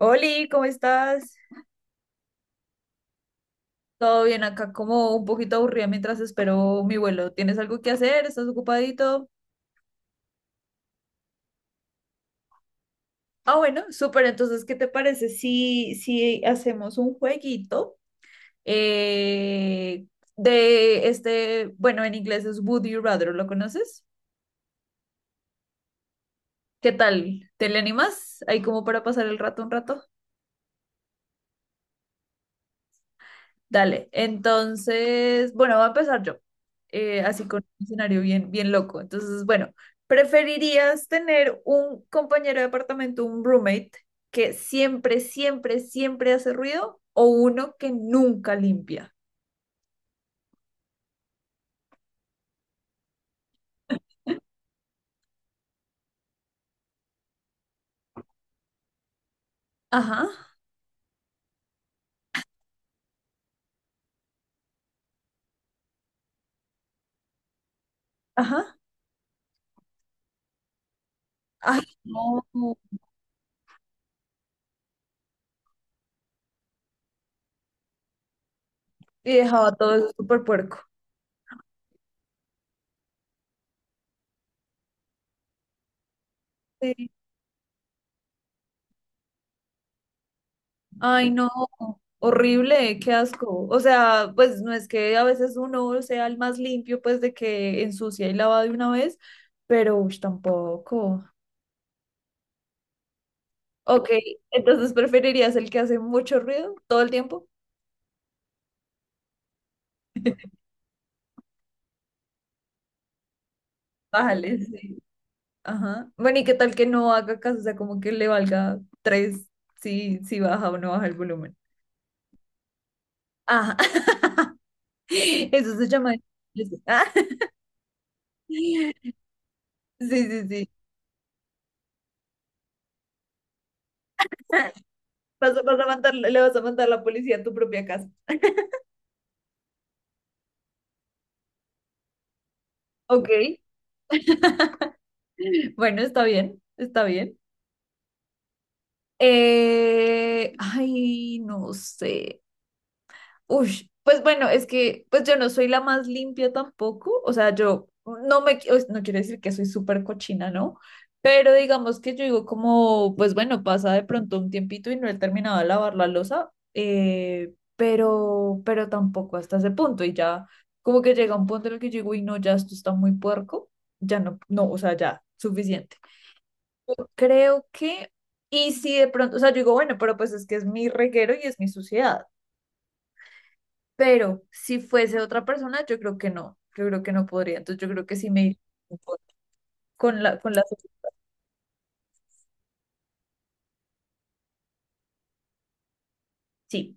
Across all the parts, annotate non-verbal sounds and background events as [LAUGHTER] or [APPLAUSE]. Oli, ¿cómo estás? Todo bien acá, como un poquito aburrida mientras espero mi vuelo. ¿Tienes algo que hacer? ¿Estás ocupadito? Ah, bueno, súper. Entonces, ¿qué te parece si hacemos un jueguito eh, de este, bueno, en inglés es Would You Rather? ¿Lo conoces? ¿Qué tal? ¿Te le animas? Ahí como para pasar el rato un rato. Dale, entonces, bueno, voy a empezar yo, así con un escenario bien, bien loco. Entonces, bueno, ¿preferirías tener un compañero de apartamento, un roommate, que siempre, siempre, siempre hace ruido o uno que nunca limpia? Ajá, ajá. Ay, [LAUGHS] no, y dejaba todo eso súper puerco. Ay, no, horrible, qué asco. O sea, pues no es que a veces uno sea el más limpio, pues de que ensucia y lava de una vez, pero ush, tampoco. Ok, entonces preferirías el que hace mucho ruido todo el tiempo. [LAUGHS] Bájale, sí. Ajá. Bueno, ¿y qué tal que no haga caso? O sea, como que le valga tres si baja o no baja el volumen. Ajá. [LAUGHS] Eso se llama. [LAUGHS] Ah, sí, sí, sí. [LAUGHS] Vas a, vas a mandar, le vas a mandar la policía a tu propia casa. Ok, [LAUGHS] bueno, está bien, está bien. Ay, no sé. Uy, pues bueno, es que pues yo no soy la más limpia tampoco, o sea, yo no me, qui- no quiero decir que soy súper cochina, ¿no? Pero digamos que yo digo como, pues bueno, pasa de pronto un tiempito y no he terminado de lavar la losa, pero tampoco hasta ese punto y ya como que llega un punto en el que yo digo, uy, no, ya esto está muy puerco, ya no, no, o sea, ya, suficiente. Yo creo que, y si de pronto, o sea, yo digo, bueno, pero pues es que es mi reguero y es mi suciedad. Pero si fuese otra persona, yo creo que no. Yo creo que no podría. Entonces yo creo que sí me iría con la, con la. Sí.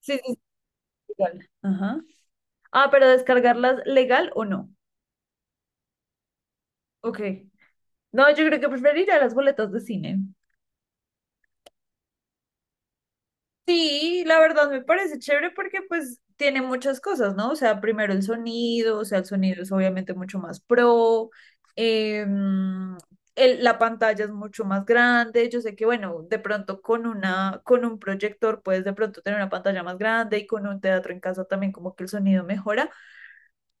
Sí, sí, sí, legal. Ajá. Ah, pero descargarlas legal o no. Ok. No, yo creo que preferiría las boletas de cine. Sí, la verdad me parece chévere porque pues tiene muchas cosas, ¿no? O sea, primero el sonido, o sea, el sonido es obviamente mucho más pro, em, el- la pantalla es mucho más grande, yo sé que bueno, de pronto con una, con un proyector puedes de pronto tener una pantalla más grande y con un teatro en casa también como que el sonido mejora,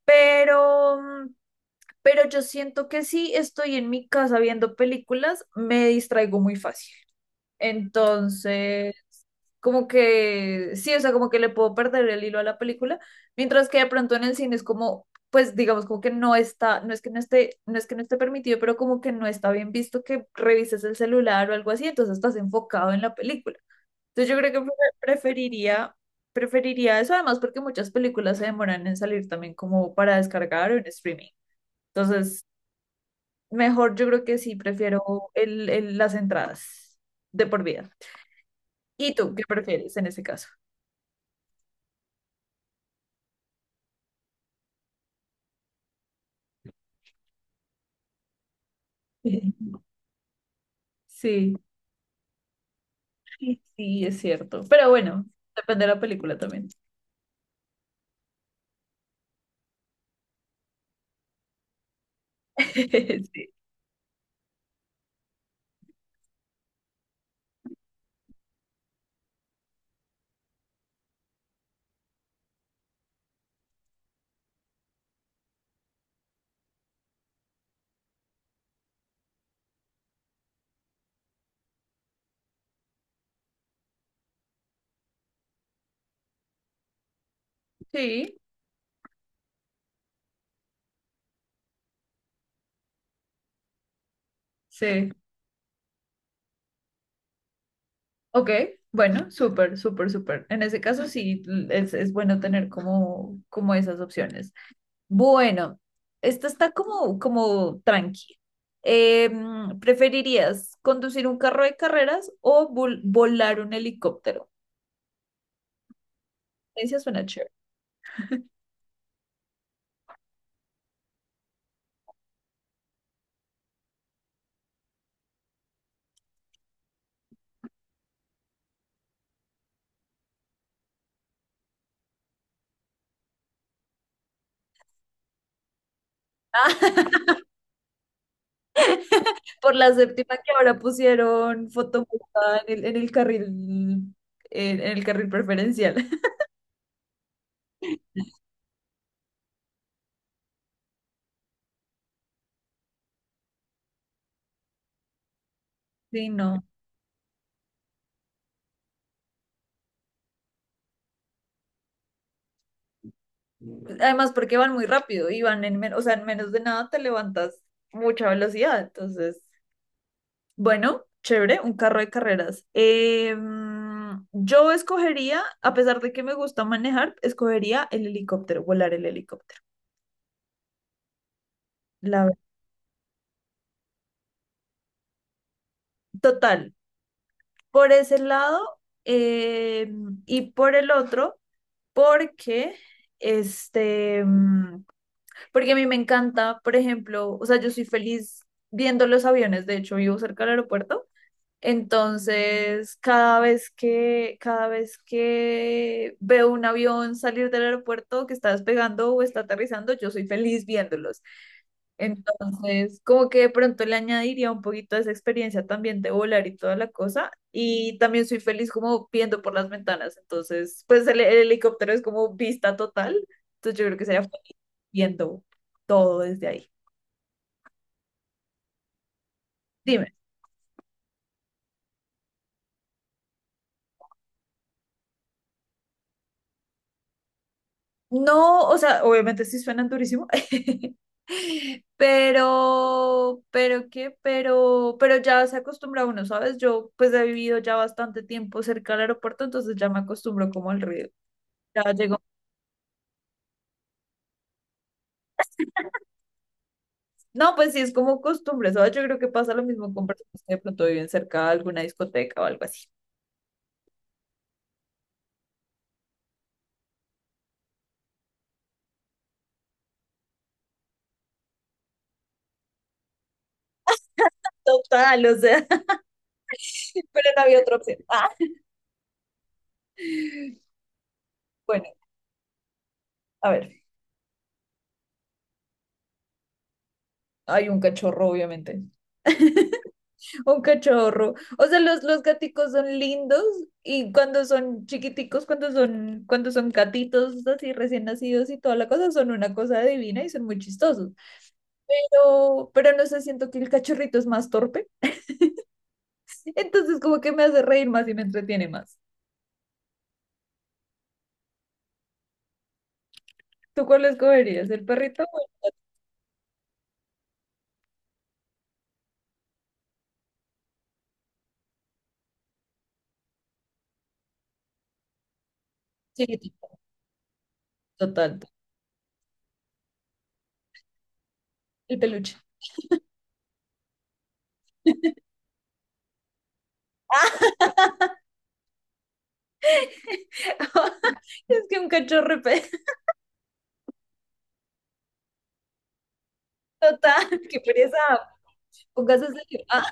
pero, pero yo siento que si estoy en mi casa viendo películas, me distraigo muy fácil. Entonces, como que, sí, o sea, como que le puedo perder el hilo a la película, mientras que de pronto en el cine es como, pues digamos, como que no está, no es que no esté, no es que no esté permitido, pero como que no está bien visto que revises el celular o algo así, entonces estás enfocado en la película. Entonces yo creo que pre- preferiría, preferiría eso, además porque muchas películas se demoran en salir también como para descargar o en streaming. Entonces, mejor yo creo que sí, prefiero el- las entradas de por vida. ¿Y tú qué prefieres en ese caso? [LAUGHS] Sí, sí, sí, es cierto. Pero bueno, depende de la película también. [LAUGHS] Sí, sí, sí. Ok, bueno, súper, súper, súper. En ese caso sí, es bueno tener como, como esas opciones. Bueno, esta está como, como tranqui. Em, ¿preferirías conducir un carro de carreras o vol- volar un helicóptero? Esa suena chévere. [LAUGHS] Por la séptima que ahora pusieron foto en el, en el carril, en el carril preferencial. [LAUGHS] Sí, no. Además, porque van muy rápido y van en, men- o sea, en menos de nada te levantas mucha velocidad. Entonces, bueno, chévere, un carro de carreras. Yo escogería, a pesar de que me gusta manejar, escogería el helicóptero, volar el helicóptero. La verdad. Total, por ese lado eh, y por el otro. Porque, este, porque a mí me encanta, por ejemplo, o sea, yo soy feliz viendo los aviones, de hecho vivo cerca del aeropuerto, entonces cada vez que veo un avión salir del aeropuerto que está despegando o está aterrizando, yo soy feliz viéndolos. Entonces, como que de pronto le añadiría un poquito de esa experiencia también de volar y toda la cosa. Y también soy feliz como viendo por las ventanas. Entonces, pues el helicóptero es como vista total. Entonces yo creo que sería feliz viendo todo desde ahí. Dime. No, o sea, obviamente sí suenan durísimo. [LAUGHS] Pero qué, pero ya se acostumbra uno, ¿sabes? Yo pues he vivido ya bastante tiempo cerca del aeropuerto, entonces ya me acostumbro como al ruido. Ya llega. No, pues sí, es como costumbre, ¿sabes? Yo creo que pasa lo mismo con personas que de pronto viven cerca de alguna discoteca o algo así. [LAUGHS] Total, o sea, [LAUGHS] pero no había otra opción. Ah. Bueno, a ver, hay un cachorro, obviamente. [LAUGHS] Un cachorro. O sea, los gaticos son lindos y cuando son chiquiticos, cuando son gatitos así recién nacidos y toda la cosa, son una cosa divina y son muy chistosos. Pero no sé, siento que el cachorrito es más torpe. [LAUGHS] [LAUGHS] Entonces como que me hace reír más y me entretiene más. ¿Tú cuál escogerías? ¿El perrito o el gato? Chiquitito. Total. El peluche. [LAUGHS] Es que un cachorro, pe- total, qué pereza. Póngase a elegir. Ah,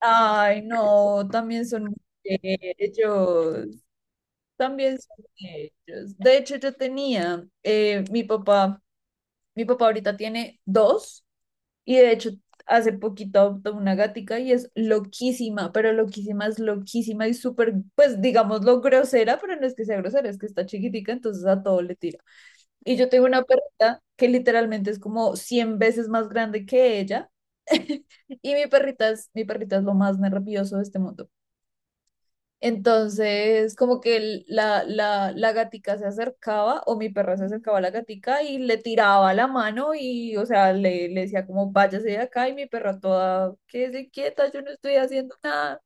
ay, no, también son ellos. También son ellos. De hecho, yo tenía, mi papá ahorita tiene dos. Y de hecho, hace poquito adoptó una gatica y es loquísima, pero loquísima es loquísima y súper, pues digámoslo, grosera, pero no es que sea grosera, es que está chiquitica, entonces a todo le tira. Y yo tengo una perrita que literalmente es como 100 veces más grande que ella. [LAUGHS] Y mi perrita es lo más nervioso de este mundo. Entonces, como que el- la gatica se acercaba o mi perra se acercaba a la gatica y le tiraba la mano y, o sea, le decía como, váyase de acá y mi perra toda, quédese quieta, yo no estoy haciendo nada.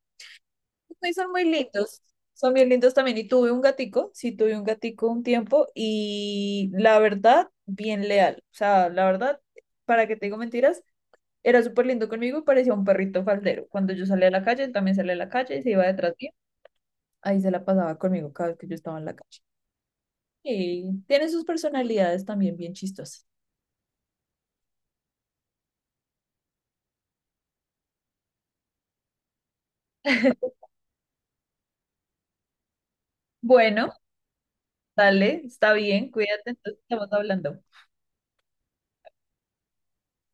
Y son muy lindos, son bien lindos también. Y tuve un gatico, sí, tuve un gatico un tiempo y la verdad, bien leal. O sea, la verdad, para que te digo mentiras, era súper lindo conmigo y parecía un perrito faldero. Cuando yo salía a la calle, él también salía a la calle y se iba detrás mío ahí se la pasaba conmigo cada vez que yo estaba en la calle. Y tiene sus personalidades también bien chistosas. [LAUGHS] Bueno, dale, está bien, cuídate, entonces estamos hablando.